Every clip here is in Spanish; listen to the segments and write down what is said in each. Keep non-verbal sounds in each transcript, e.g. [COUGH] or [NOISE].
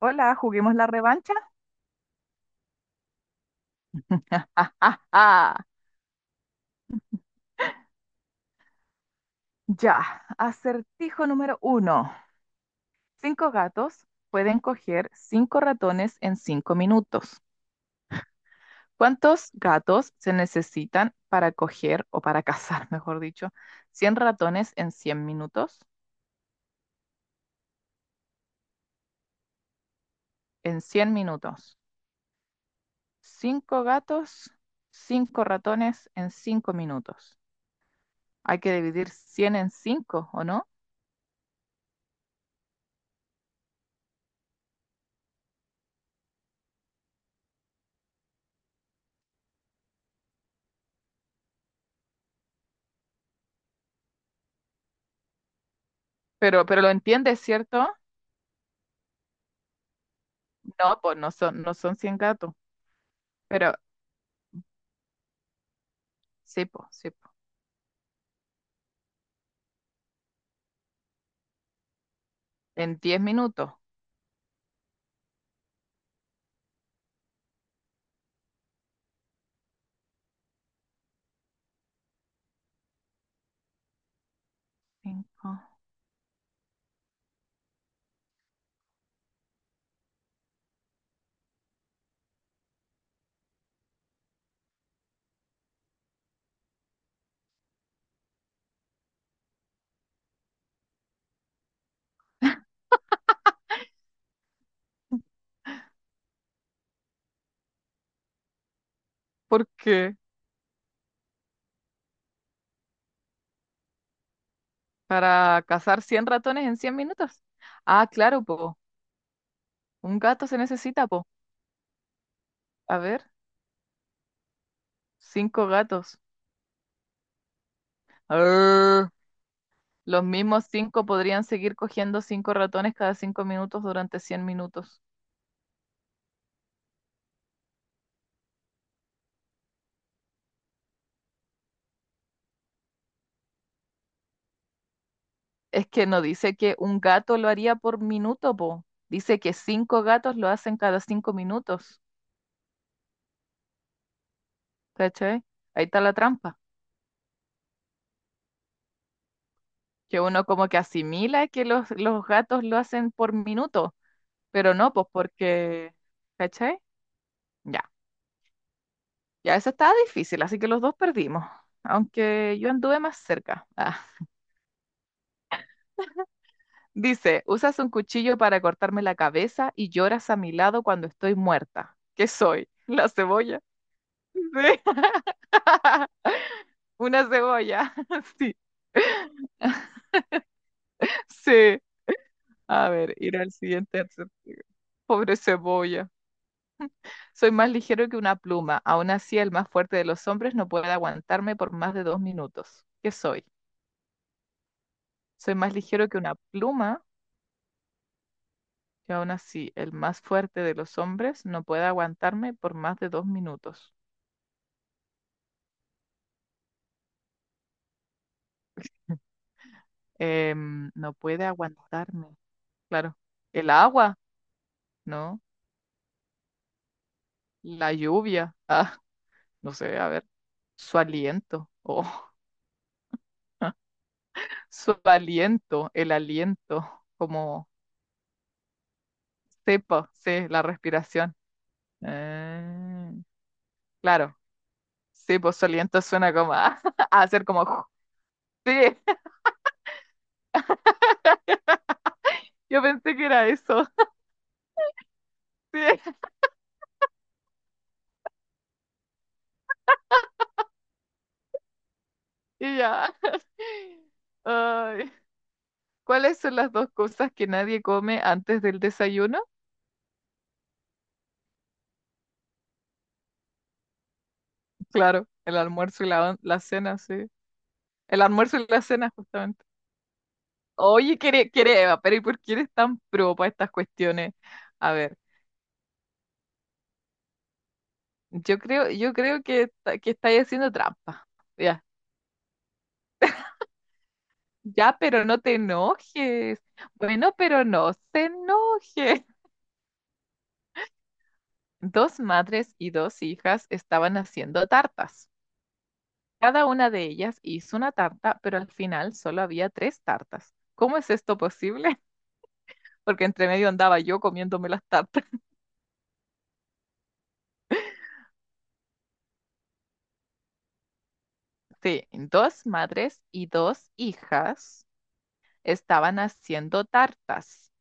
Hola, juguemos la revancha. [LAUGHS] Ya, acertijo número uno. Cinco gatos pueden coger cinco ratones en 5 minutos. ¿Cuántos gatos se necesitan para coger o para cazar, [LAUGHS] mejor dicho, 100 ratones en 100 minutos? En cien minutos. Cinco gatos, cinco ratones en cinco minutos. Hay que dividir 100 en cinco, ¿o no? Pero lo entiendes, ¿cierto? No, pues no son 100 gatos. Pero sí, po, sí, po. En 10 minutos. Cinco. ¿Por qué? ¿Para cazar 100 ratones en 100 minutos? Ah, claro, po. Un gato se necesita, po. A ver, cinco gatos. Arr. Los mismos cinco podrían seguir cogiendo cinco ratones cada 5 minutos durante 100 minutos. Es que no dice que un gato lo haría por minuto, po. Dice que cinco gatos lo hacen cada 5 minutos. ¿Cachai? Ahí está la trampa. Que uno como que asimila que los gatos lo hacen por minuto, pero no, pues porque, ¿cachai? Ya, ya eso estaba difícil, así que los dos perdimos, aunque yo anduve más cerca. Ah. Dice, usas un cuchillo para cortarme la cabeza y lloras a mi lado cuando estoy muerta. ¿Qué soy? ¿La cebolla? [LAUGHS] Sí, una cebolla. [LAUGHS] Sí, sí. A ver, ir al siguiente. Pobre cebolla. Soy más ligero que una pluma. Aún así, el más fuerte de los hombres no puede aguantarme por más de 2 minutos. ¿Qué soy? Soy más ligero que una pluma y aún así, el más fuerte de los hombres no puede aguantarme por más de dos minutos. No puede aguantarme. Claro. El agua, ¿no? La lluvia. Ah, no sé, a ver. Su aliento. Oh, [LAUGHS] su aliento, el aliento, como cepa, sí, la respiración. Eh, claro. Sí, pues soliento suena como a, [LAUGHS] a hacer como. [LAUGHS] Sí, yo pensé que era eso. [LAUGHS] Sí, y ya. [LAUGHS] ¡Ay! ¿Cuáles son las dos cosas que nadie come antes del desayuno? Claro, el almuerzo y la cena, sí. El almuerzo y la cena, justamente. Oye, quiere Eva, pero ¿y por qué eres tan pro para estas cuestiones? A ver, yo creo que estáis haciendo trampa. Ya, ya, pero no te enojes. Bueno, pero no se enoje. Dos madres y dos hijas estaban haciendo tartas. Cada una de ellas hizo una tarta, pero al final solo había tres tartas. ¿Cómo es esto posible? [LAUGHS] Porque entre medio andaba yo comiéndome las tartas. [LAUGHS] Sí, dos madres y dos hijas estaban haciendo tartas.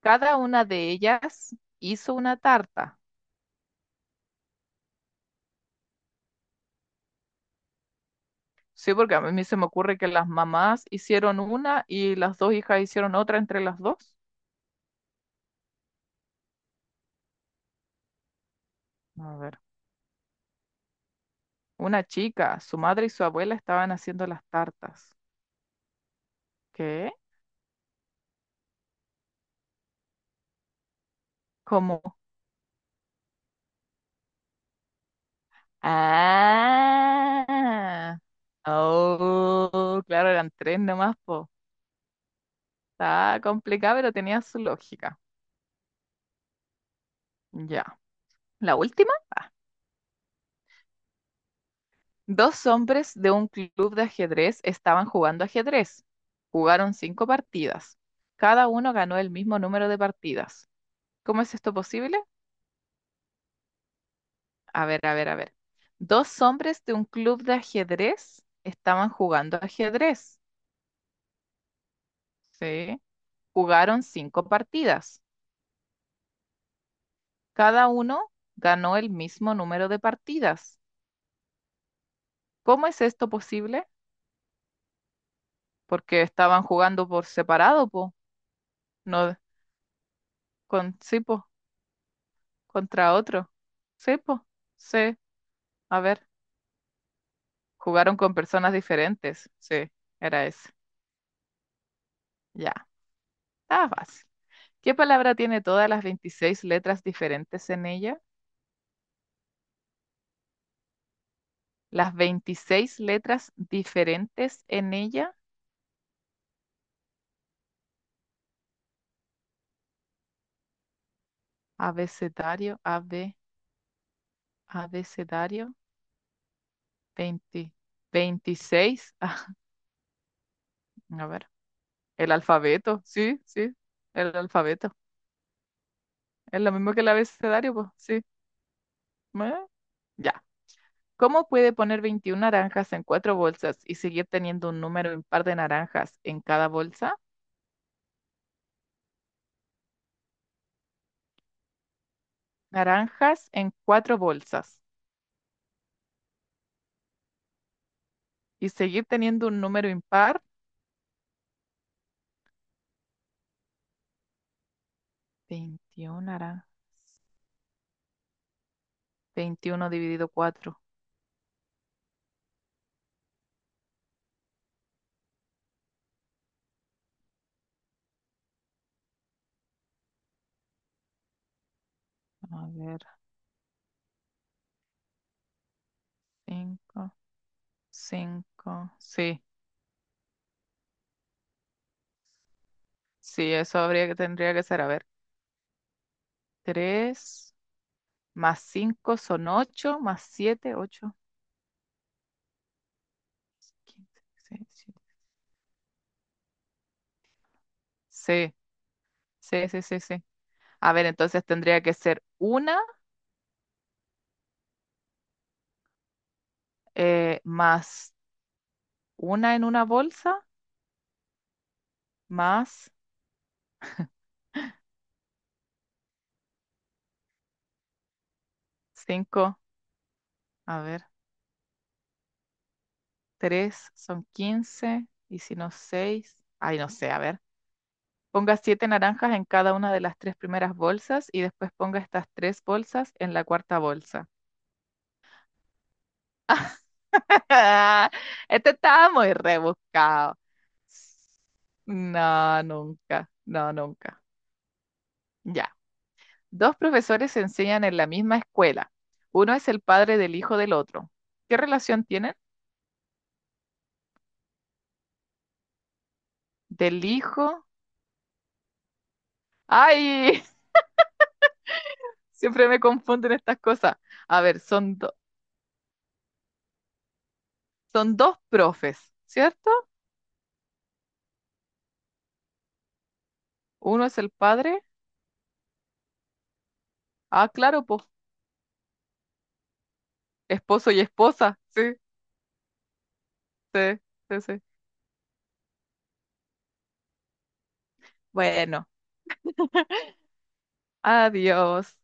Cada una de ellas hizo una tarta. Sí, porque a mí se me ocurre que las mamás hicieron una y las dos hijas hicieron otra entre las dos. A ver. Una chica, su madre y su abuela estaban haciendo las tartas. ¿Qué? ¿Cómo? Ah, oh, claro, eran tres nomás, po. Está complicado, pero tenía su lógica. Ya. La última. Dos hombres de un club de ajedrez estaban jugando ajedrez. Jugaron cinco partidas. Cada uno ganó el mismo número de partidas. ¿Cómo es esto posible? A ver, a ver, a ver. Dos hombres de un club de ajedrez estaban jugando ajedrez. Sí. Jugaron cinco partidas. Cada uno ganó el mismo número de partidas. ¿Cómo es esto posible? Porque estaban jugando por separado, po. No, con, sí, po, contra otro. Sí, po. Sí. A ver. Jugaron con personas diferentes. Sí, era ese. Ya. Estaba fácil. ¿Qué palabra tiene todas las 26 letras diferentes en ella? Las 26 letras diferentes en ella, abecedario, AB, abecedario, 20 26 a ver, el alfabeto, sí, sí, el alfabeto, es lo mismo que el abecedario, pues, sí, eh, ya. ¿Cómo puede poner 21 naranjas en cuatro bolsas y seguir teniendo un número impar de naranjas en cada bolsa? Naranjas en cuatro bolsas y seguir teniendo un número impar, 21 naranjas. 21 dividido cuatro. A ver, cinco, cinco, sí, sí, eso habría que, tendría que ser, a ver, tres más cinco son ocho, más siete, ocho, 15, seis, siete. Sí, sí, sí, sí, sí. A ver, entonces tendría que ser una más una en una bolsa, más cinco, a ver, tres son 15, y si no seis, ay, no sé, a ver. Ponga siete naranjas en cada una de las tres primeras bolsas y después ponga estas tres bolsas en la cuarta bolsa. [LAUGHS] Este estaba muy rebuscado. No, nunca, no, nunca. Ya. Dos profesores se enseñan en la misma escuela. Uno es el padre del hijo del otro. ¿Qué relación tienen? Del hijo. ¡Ay! [LAUGHS] Siempre me confunden estas cosas. A ver, son dos profes, ¿cierto? Uno es el padre. Ah, claro, pues esposo y esposa. Sí, sí, sí, sí. Bueno, adiós.